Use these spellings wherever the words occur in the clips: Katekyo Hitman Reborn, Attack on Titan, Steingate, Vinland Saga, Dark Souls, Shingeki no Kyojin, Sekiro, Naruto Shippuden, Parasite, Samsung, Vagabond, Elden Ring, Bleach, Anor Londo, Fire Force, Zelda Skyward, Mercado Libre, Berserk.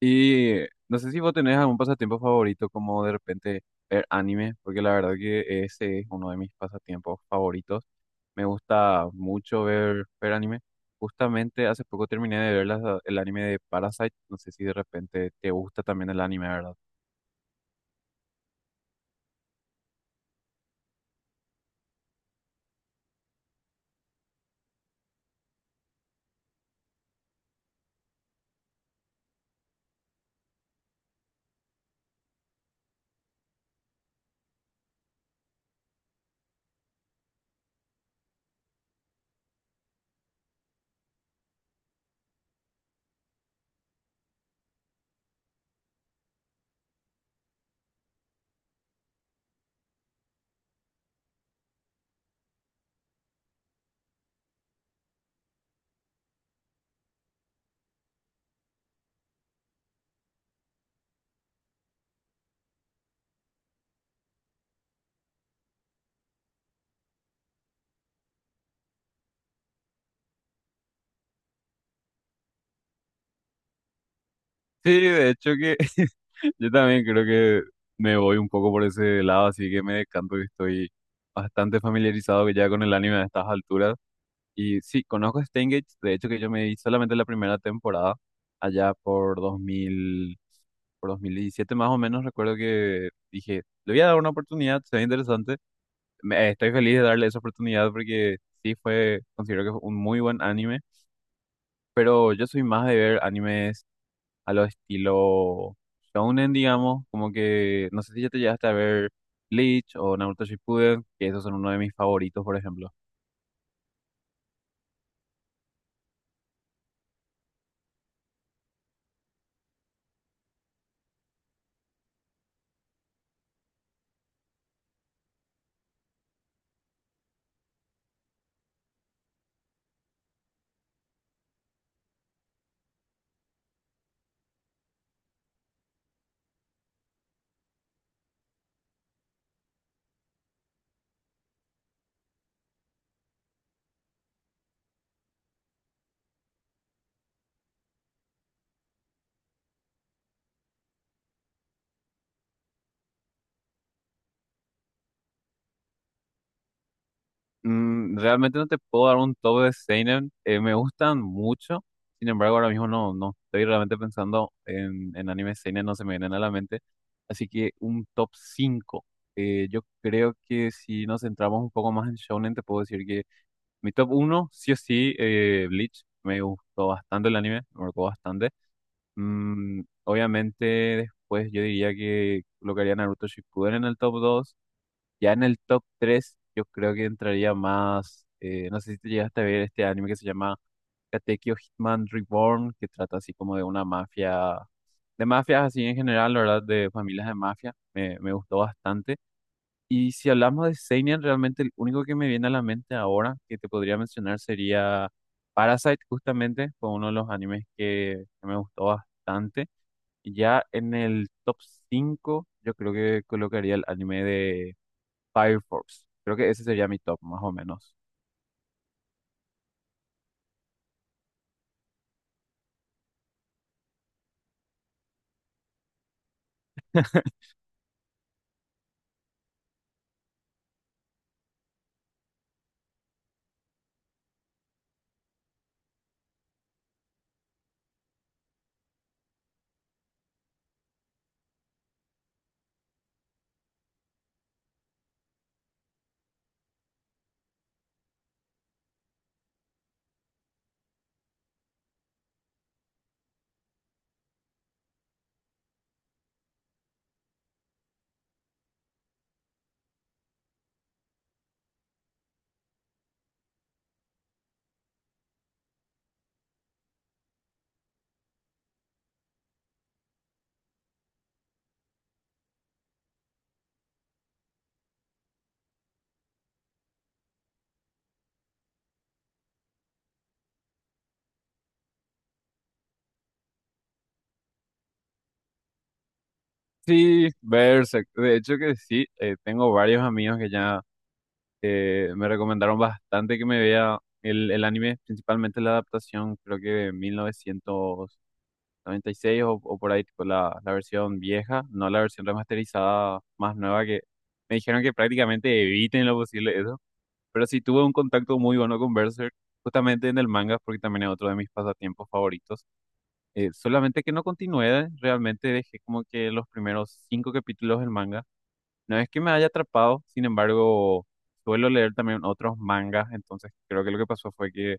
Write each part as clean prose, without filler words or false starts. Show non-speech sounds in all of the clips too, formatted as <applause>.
Y no sé si vos tenés algún pasatiempo favorito, como de repente ver anime, porque la verdad que ese es uno de mis pasatiempos favoritos. Me gusta mucho ver anime. Justamente hace poco terminé de ver el anime de Parasite. No sé si de repente te gusta también el anime, ¿verdad? Sí, de hecho que <laughs> yo también creo que me voy un poco por ese lado, así que me decanto que estoy bastante familiarizado que ya con el anime a estas alturas. Y sí, conozco Steingate, de hecho que yo me vi solamente la primera temporada, allá por 2000, por 2017 más o menos, recuerdo que dije, le voy a dar una oportunidad, se ve interesante. Estoy feliz de darle esa oportunidad porque sí fue, considero que fue un muy buen anime, pero yo soy más de ver animes a lo estilo shounen, digamos, como que, no sé si ya te llegaste a ver Bleach o Naruto Shippuden, que esos son uno de mis favoritos, por ejemplo. Mm, realmente no te puedo dar un top de seinen. Me gustan mucho. Sin embargo, ahora mismo no estoy realmente pensando en, anime seinen, no se me vienen a la mente. Así que un top cinco. Yo creo que si nos centramos un poco más en shonen, te puedo decir que mi top uno sí o sí, Bleach. Me gustó bastante el anime, me marcó bastante. Mm, obviamente, después yo diría que colocaría Naruto Shippuden en el top dos, ya en el top 3 yo creo que entraría más. No sé si te llegaste a ver este anime que se llama Katekyo Hitman Reborn, que trata así como de una mafia. De mafias así en general, la verdad, de familias de mafia. Me gustó bastante. Y si hablamos de Seinen, realmente el único que me viene a la mente ahora que te podría mencionar sería Parasite, justamente. Fue uno de los animes que, me gustó bastante. Y ya en el top 5 yo creo que colocaría el anime Fire Force. Creo que ese sería mi top, más o menos. <laughs> Sí, Berserk. De hecho que sí, tengo varios amigos que ya me recomendaron bastante que me vea el anime, principalmente la adaptación, creo que de 1996 o por ahí, tipo la versión vieja, no la versión remasterizada más nueva que me dijeron que prácticamente eviten en lo posible eso. Pero sí tuve un contacto muy bueno con Berserk, justamente en el manga, porque también es otro de mis pasatiempos favoritos. Solamente que no continué, realmente dejé como que los primeros cinco capítulos del manga. No es que me haya atrapado, sin embargo, suelo leer también otros mangas, entonces creo que lo que pasó fue que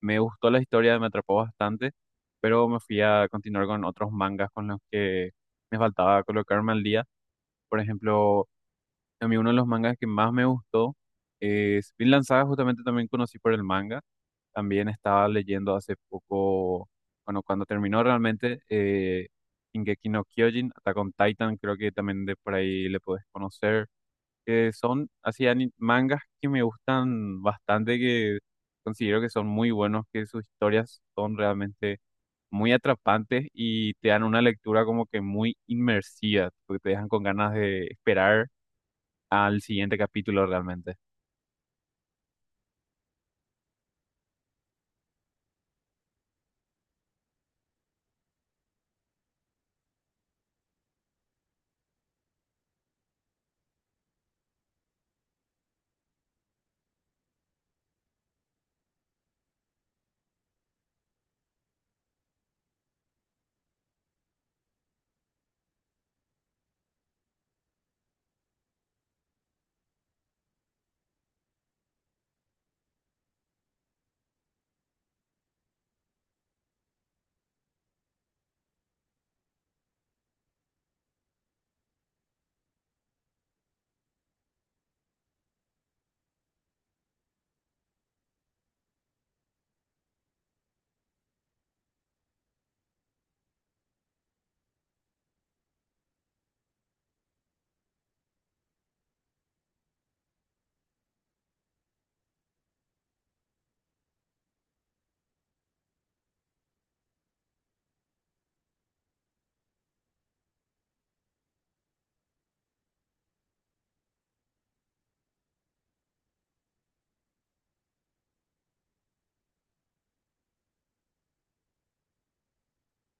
me gustó la historia, me atrapó bastante, pero me fui a continuar con otros mangas con los que me faltaba colocarme al día. Por ejemplo, a mí uno de los mangas que más me gustó es Vinland Saga, justamente también conocí por el manga. También estaba leyendo hace poco, bueno, cuando terminó realmente, Shingeki no Kyojin, Attack on Titan, creo que también de por ahí le podés conocer, que son así mangas que me gustan bastante, que considero que son muy buenos, que sus historias son realmente muy atrapantes y te dan una lectura como que muy inmersiva, porque te dejan con ganas de esperar al siguiente capítulo realmente.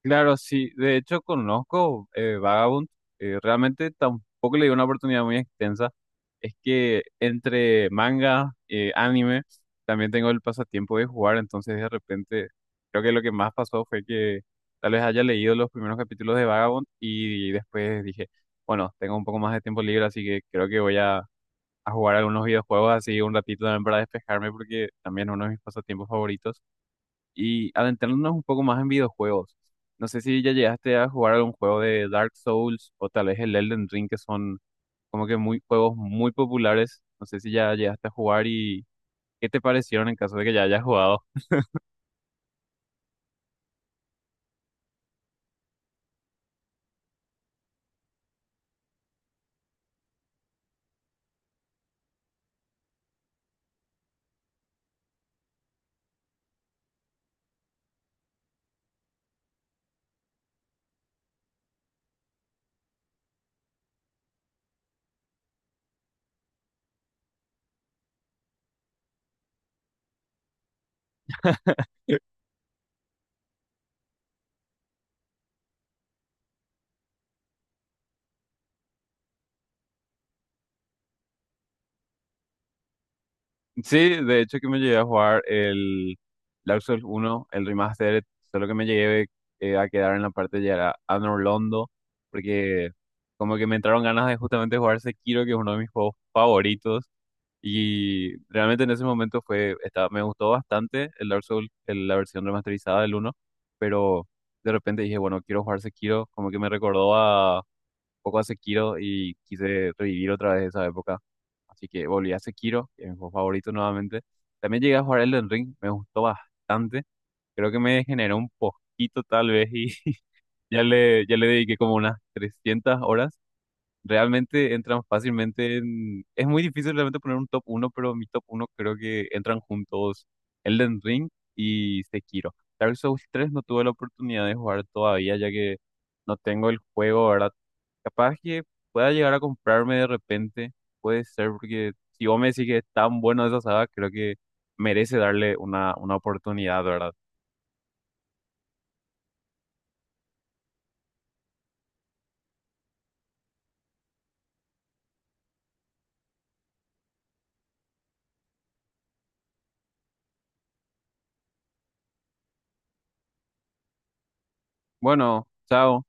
Claro, sí, de hecho conozco Vagabond, realmente tampoco le di una oportunidad muy extensa. Es que entre manga, anime, también tengo el pasatiempo de jugar, entonces de repente creo que lo que más pasó fue que tal vez haya leído los primeros capítulos de Vagabond y después dije, bueno, tengo un poco más de tiempo libre, así que creo que voy a jugar algunos videojuegos así un ratito también para despejarme porque también es uno de mis pasatiempos favoritos. Y adentrándonos un poco más en videojuegos, no sé si ya llegaste a jugar algún juego de Dark Souls o tal vez el Elden Ring, que son como que muy juegos muy populares. No sé si ya llegaste a jugar y qué te parecieron en caso de que ya hayas jugado. <laughs> Sí, de hecho que me llegué a jugar el Dark Souls uno, el remaster. Solo que me llegué a quedar en la parte de llegar a Anor Londo, porque como que me entraron ganas de justamente jugar Sekiro, que es uno de mis juegos favoritos. Y realmente en ese momento fue, estaba- me gustó bastante el Dark Souls, el- la versión remasterizada del uno, pero de repente dije, bueno, quiero jugar Sekiro, como que me recordó a, un poco a Sekiro y quise revivir otra vez esa época. Así que volví a Sekiro, que es mi juego favorito nuevamente. También llegué a jugar Elden Ring, me gustó bastante. Creo que me degeneró un poquito tal vez y <laughs> ya le dediqué como unas 300 horas. Realmente entran fácilmente en... Es muy difícil realmente poner un top uno, pero mi top uno creo que entran juntos Elden Ring y Sekiro. Dark Souls 3 no tuve la oportunidad de jugar todavía, ya que no tengo el juego, ¿verdad? Capaz que pueda llegar a comprarme de repente, puede ser, porque si vos me decís que es tan bueno esa saga, creo que merece darle una oportunidad, ¿verdad? Bueno, chao.